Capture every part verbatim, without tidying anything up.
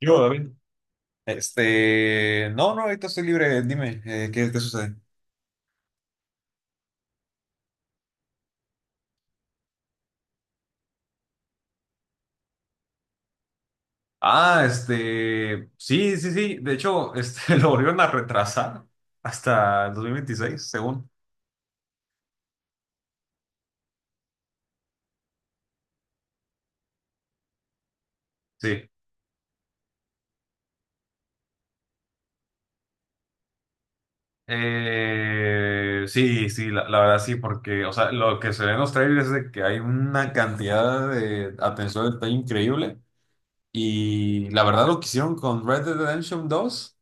Yo, David. Este, no, no, ahorita estoy libre, dime, eh, ¿qué, qué sucede? Ah, este, sí, sí, sí, de hecho, este, lo volvieron a retrasar hasta el dos mil veintiséis, según, sí. Eh, sí, sí, la, la verdad sí, porque, o sea, lo que se ve en los trailers es de que hay una cantidad de atención al detalle increíble y la verdad lo que hicieron con Red Dead Redemption dos.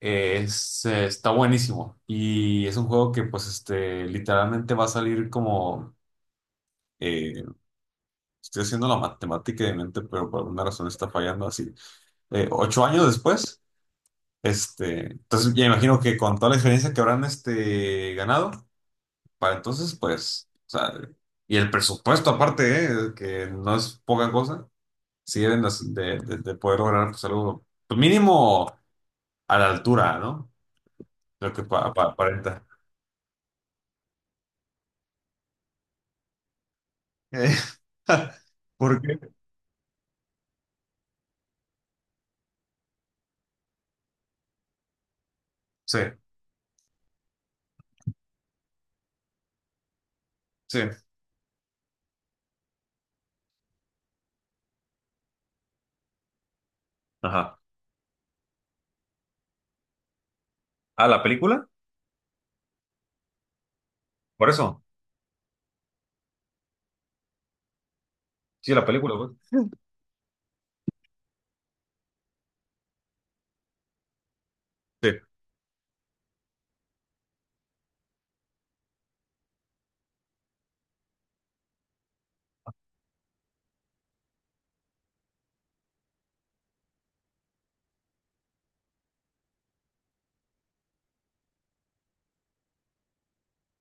Eh, Es, eh, está buenísimo y es un juego que pues este literalmente va a salir como eh, estoy haciendo la matemática de mente pero por alguna razón está fallando así eh, ocho años después. Este entonces ya imagino que con toda la experiencia que habrán este ganado para entonces pues, o sea, y el presupuesto aparte, eh, que no es poca cosa, si deben de, de- de- de poder lograr pues algo pues, mínimo a la altura, ¿no? Lo que pa- pa- aparenta. Eh, porque, sí, sí. Ajá. ¿Ah, la película? Por eso. Sí, la película, pues. Sí,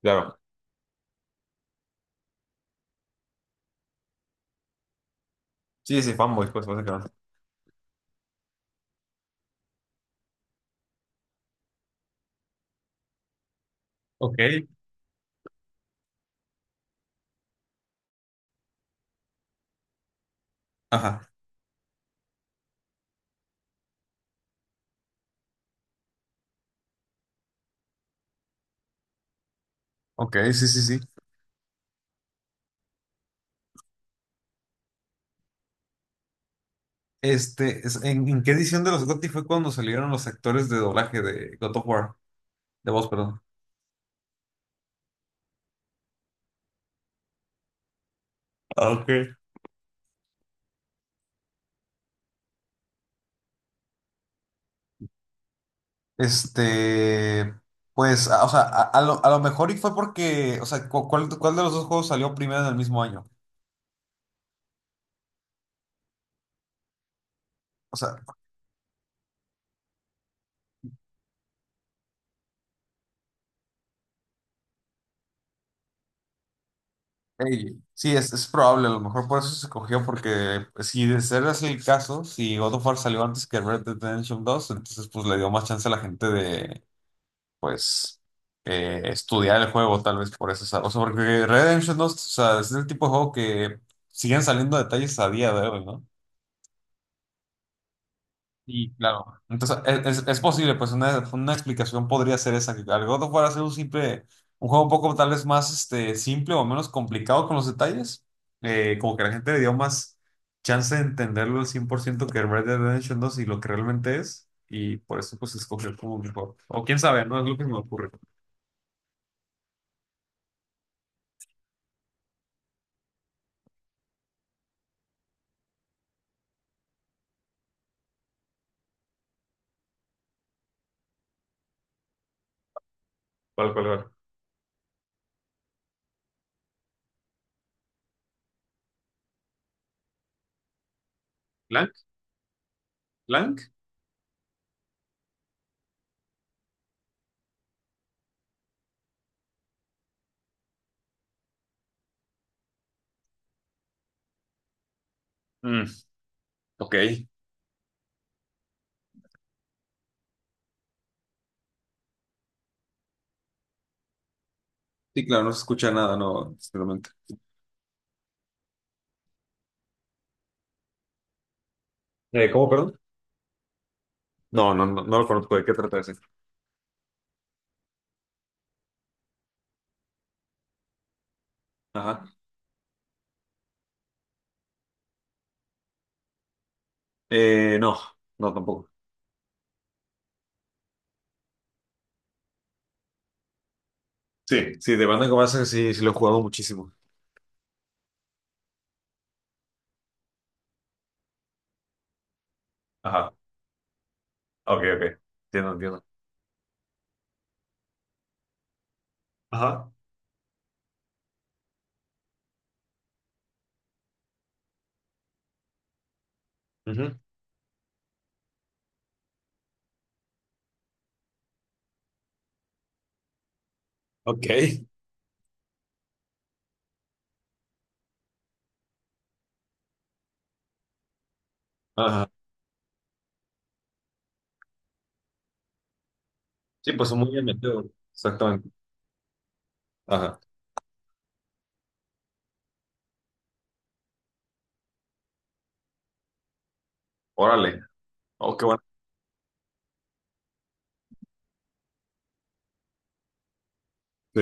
claro. Sí, sí, fanboy, pues, básicamente. Ok. Ajá. Ok, sí, sí, sí. Este, es- ¿en, en qué edición de los GOTY fue cuando salieron los actores de doblaje de God of War? De voz, perdón. Ah, ok. Este, pues, a- o sea, a, a lo, a lo mejor y fue porque, o sea, cu- ¿cuál, cuál de los dos juegos salió primero en el mismo año? O sea, ey, sí, es, es probable, a lo mejor por eso se cogió, porque pues, si de ser así el caso, si God of War salió antes que Red Dead Redemption dos entonces pues le dio más chance a la gente de, pues, eh, estudiar el juego, tal vez por eso, o sea, o sea, porque Red Dead Redemption dos, o sea, es el tipo de juego que siguen saliendo detalles a día de hoy, ¿no? Sí, claro. Entonces, es, es- es posible, pues una, una explicación podría ser esa, que al God of War hacer un simple, un juego un poco tal vez más este, simple o menos complicado con los detalles, eh, como que la gente le dio más chance de entenderlo al cien por ciento que Red Dead Redemption dos y lo que realmente es, y por eso pues escogió como mejor. O quién sabe, no es lo que me ocurre. ¿Cuál, cuál, cuál? ¿Blank? ¿Blank? Mm, ok. Sí, claro, no se escucha nada, no, simplemente. Eh, ¿cómo, perdón? No, no, no, no lo conozco, ¿de qué trata ese? Ajá. Eh, no, no tampoco. Sí. Sí, de Bandan Comarsan sí, sí lo he jugado muchísimo. Ajá. Ok, ok. Entiendo, entiendo. Ajá. Ujú. Ok. Ajá. Sí, pues son muy bien metido. Exactamente. Ajá. Órale. Oh, qué bueno. Sí.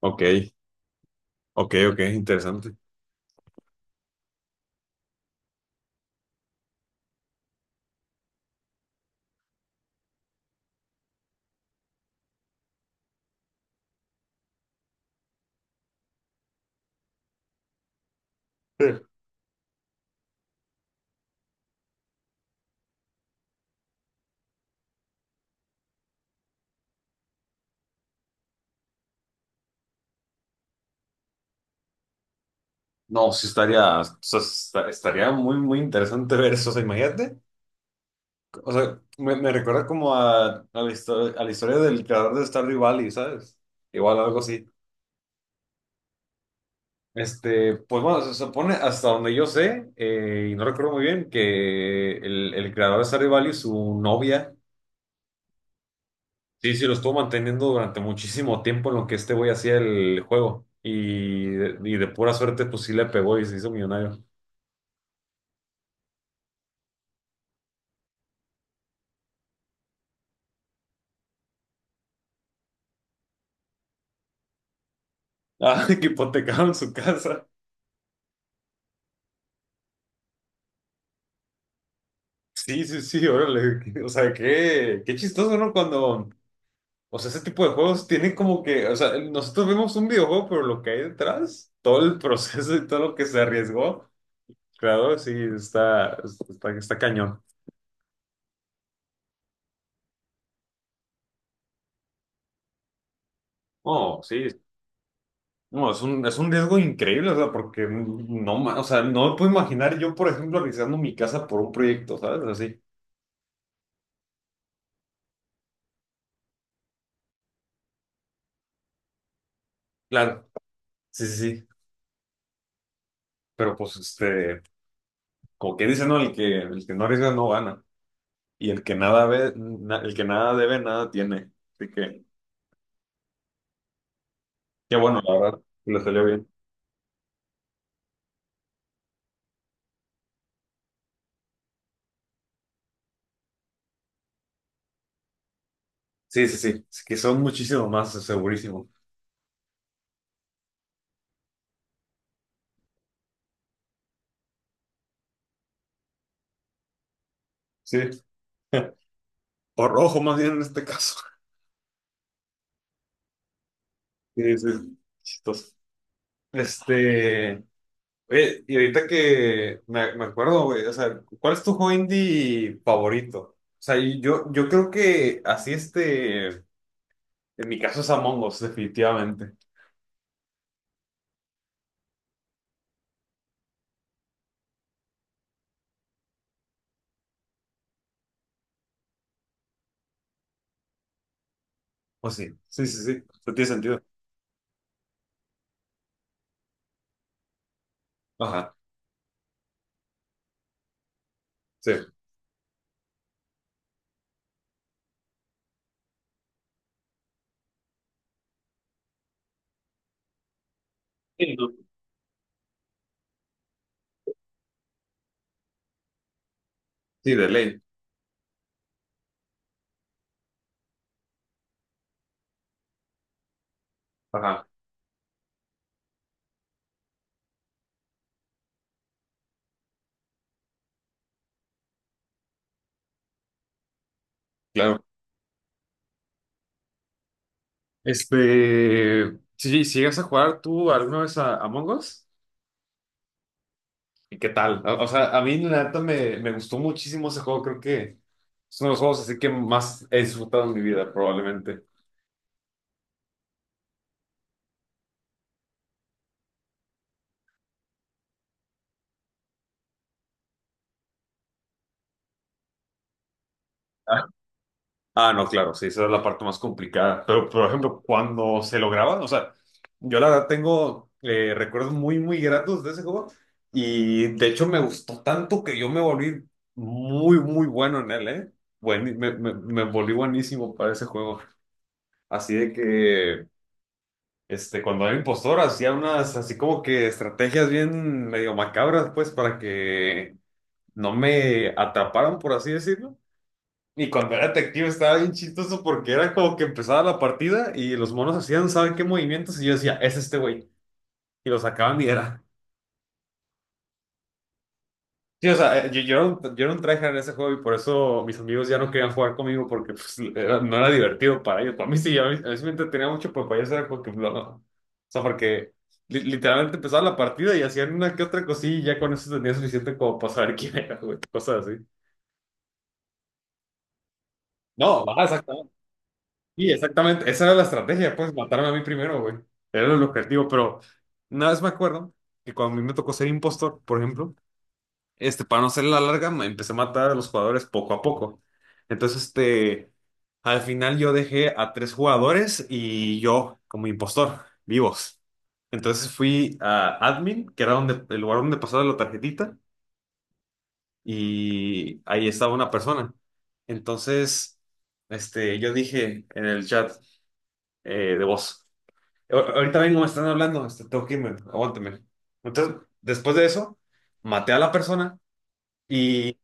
Ok. Ok, ok, interesante. Sí. No, sí estaría, o sea, esta- estaría muy, muy interesante ver eso. O sea, imagínate. O sea, me, me recuerda como a, a la historia, a la historia del creador de Stardew Valley, ¿sabes? Igual algo así. Este, pues bueno, se supone hasta donde yo sé, eh, y no recuerdo muy bien, que el, el creador de Stardew Valley, su novia, sí, sí, lo estuvo manteniendo durante muchísimo tiempo en lo que este güey hacía el juego. Y de, y de pura suerte, pues sí le pegó y se hizo millonario. Ah, que hipotecaron su casa. Sí, sí, sí, órale. O sea, qué, qué chistoso, ¿no? Cuando, o sea, ese tipo de juegos tienen como que, o sea, nosotros vemos un videojuego, pero lo que hay detrás, todo el proceso y todo lo que se arriesgó. Claro, sí, está, está, está cañón. Oh, sí. No, es un, es un riesgo increíble, o sea, porque no, ma- o sea, no me puedo imaginar yo, por ejemplo, arriesgando mi casa por un proyecto, ¿sabes? Así. Claro. Sí, sí, sí. Pero pues, este, como que dicen, no, el que, el que no arriesga no gana. Y el que nada ve, na- el que nada debe, nada tiene. Así que, qué bueno, la verdad, que le salió bien. Sí, sí, sí. Es que son muchísimo más, segurísimo. Sí. Por rojo, más bien en este caso. Sí, sí. Chistoso. Este, Oye, y ahorita que me, me acuerdo, güey, o sea, ¿cuál es tu juego indie favorito? O sea, y yo, yo creo que así este, en mi caso es Among Us, definitivamente. O sí, sí, sí, sí, no tiene sentido. Ajá, sí. Sí, ¿no? Sí, de ley. Ajá, claro. Este, sí, si llegas a jugar tú alguna vez a Among Us, ¿y qué tal? O, o sea, a mí la neta me, me gustó muchísimo ese juego, creo que... Es uno de los juegos así que más he disfrutado en mi vida, probablemente. Ah, ah, no, claro, sí, esa es la parte más complicada. Pero, por ejemplo, cuando se lo lograban, o sea, yo la verdad tengo eh, recuerdos muy, muy gratos de ese juego. Y de hecho me gustó tanto que yo me volví muy, muy bueno en él, ¿eh? Buen- me, me- me volví buenísimo para ese juego. Así de que, este, cuando era impostor, hacía unas, así como que estrategias bien medio macabras, pues, para que no me atraparan, por así decirlo. Y cuando era detective estaba bien chistoso porque era como que empezaba la partida y los monos hacían, ¿saben qué movimientos? Y yo decía, es este güey. Y lo sacaban y era. Sí, o sea, eh, yo, yo era un, yo era un tryhard en ese juego y por eso mis amigos ya no querían jugar conmigo porque pues, era- no era divertido para ellos. Para mí sí, a mí, a mí sí me entretenía mucho, pero para ellos era como que no. O sea, porque li- literalmente empezaba la partida y hacían una que otra cosilla y ya con eso tenía suficiente como para saber quién era, güey. Cosas así. No, ajá, exacto. Sí, exactamente. Esa era la estrategia, pues matarme a mí primero, güey. Era el objetivo, pero una vez me acuerdo que cuando a mí me tocó ser impostor, por ejemplo, este, para no hacer la larga, me empecé a matar a los jugadores poco a poco. Entonces, este, al final yo dejé a tres jugadores y yo como impostor, vivos. Entonces fui a admin, que era donde, el lugar donde pasaba la tarjetita, y ahí estaba una persona. Entonces, este, yo dije en el chat eh, de voz. Ahor- Ahorita vengo, me están hablando, este, tengo que irme, aguántame. Entonces, después de eso, maté a la persona y...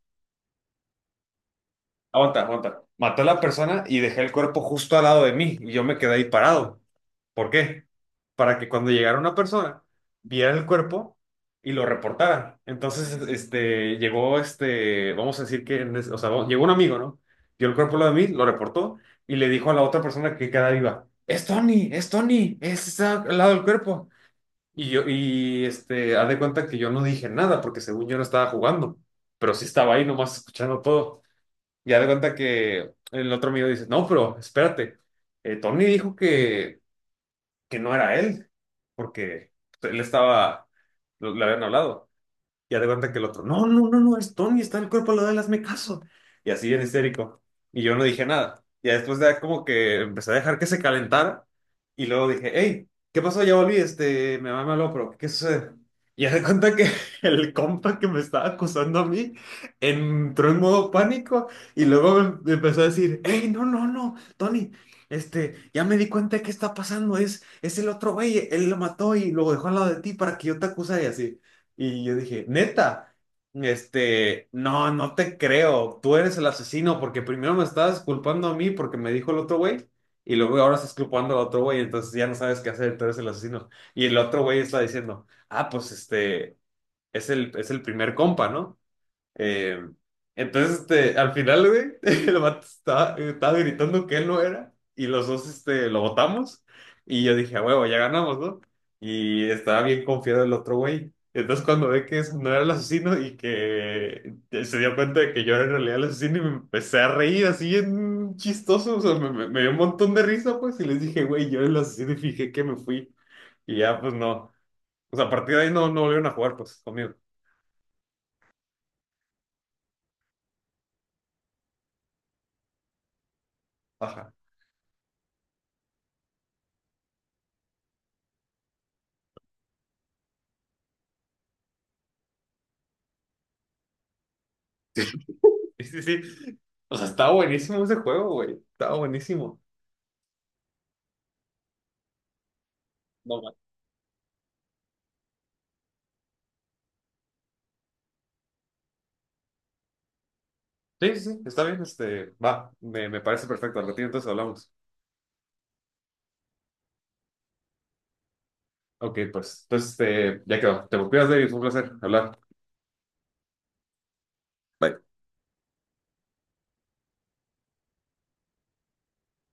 Aguanta, aguanta. Maté a la persona y dejé el cuerpo justo al lado de mí y yo me quedé ahí parado. ¿Por qué? Para que cuando llegara una persona, viera el cuerpo y lo reportara. Entonces, este, llegó, este, vamos a decir que, en es- o sea, llegó un amigo, ¿no? Vio el cuerpo al lado de mí, lo reportó y le dijo a la otra persona que queda viva, es Tony, es Tony, es está al lado del cuerpo. Y yo, y este, haz de cuenta que yo no dije nada porque según yo no estaba jugando, pero sí estaba ahí nomás escuchando todo. Y haz de cuenta que el otro amigo dice, no, pero espérate, eh, Tony dijo que, que no era él, porque él estaba, lo, le habían hablado. Y haz de cuenta que el otro, no, no, no, no, es Tony, está en el cuerpo, al lado de él, hazme caso. Y así bien histérico. Y yo no dije nada. Y después de como que empecé a dejar que se calentara. Y luego dije, hey, ¿qué pasó? Ya volví, este, mi mamá me habló, pero ¿qué sucede? Y haz de cuenta que el compa que me estaba acusando a mí entró en modo pánico y luego me me empezó a decir, hey, no, no, no, Tony, este, ya me di cuenta de qué está pasando, es, es el otro güey, él lo mató y lo dejó al lado de ti para que yo te acusara y así. Y yo dije, neta, este, no, no te creo, tú eres el asesino porque primero me estabas culpando a mí porque me dijo el otro güey y luego ahora estás culpando al otro güey, entonces ya no sabes qué hacer, tú eres el asesino. Y el otro güey está diciendo, ah, pues este, es el, es el primer compa, ¿no? Eh, entonces, este, al final, güey, el vato estaba, estaba gritando que él no era y los dos, este, lo votamos y yo dije, a huevo, ya ganamos, ¿no? Y estaba bien confiado el otro güey. Entonces, cuando ve que ese no era el asesino y que se dio cuenta de que yo era en realidad el asesino y me empecé a reír así bien chistoso, o sea, me, me- me dio un montón de risa, pues, y les dije, güey, yo era el asesino y fijé que me fui. Y ya, pues, no. O sea, a partir de ahí no, no volvieron a jugar, pues, conmigo. Ajá. Sí, sí, sí. O sea, está buenísimo ese juego, güey. Está buenísimo. No, ma- Sí, sí, sí, está bien. Este, va, me, me parece perfecto. Al ratito entonces hablamos. Ok, pues, entonces, este, ya quedó. Te me cuidas, David. Fue un placer hablar. Bye.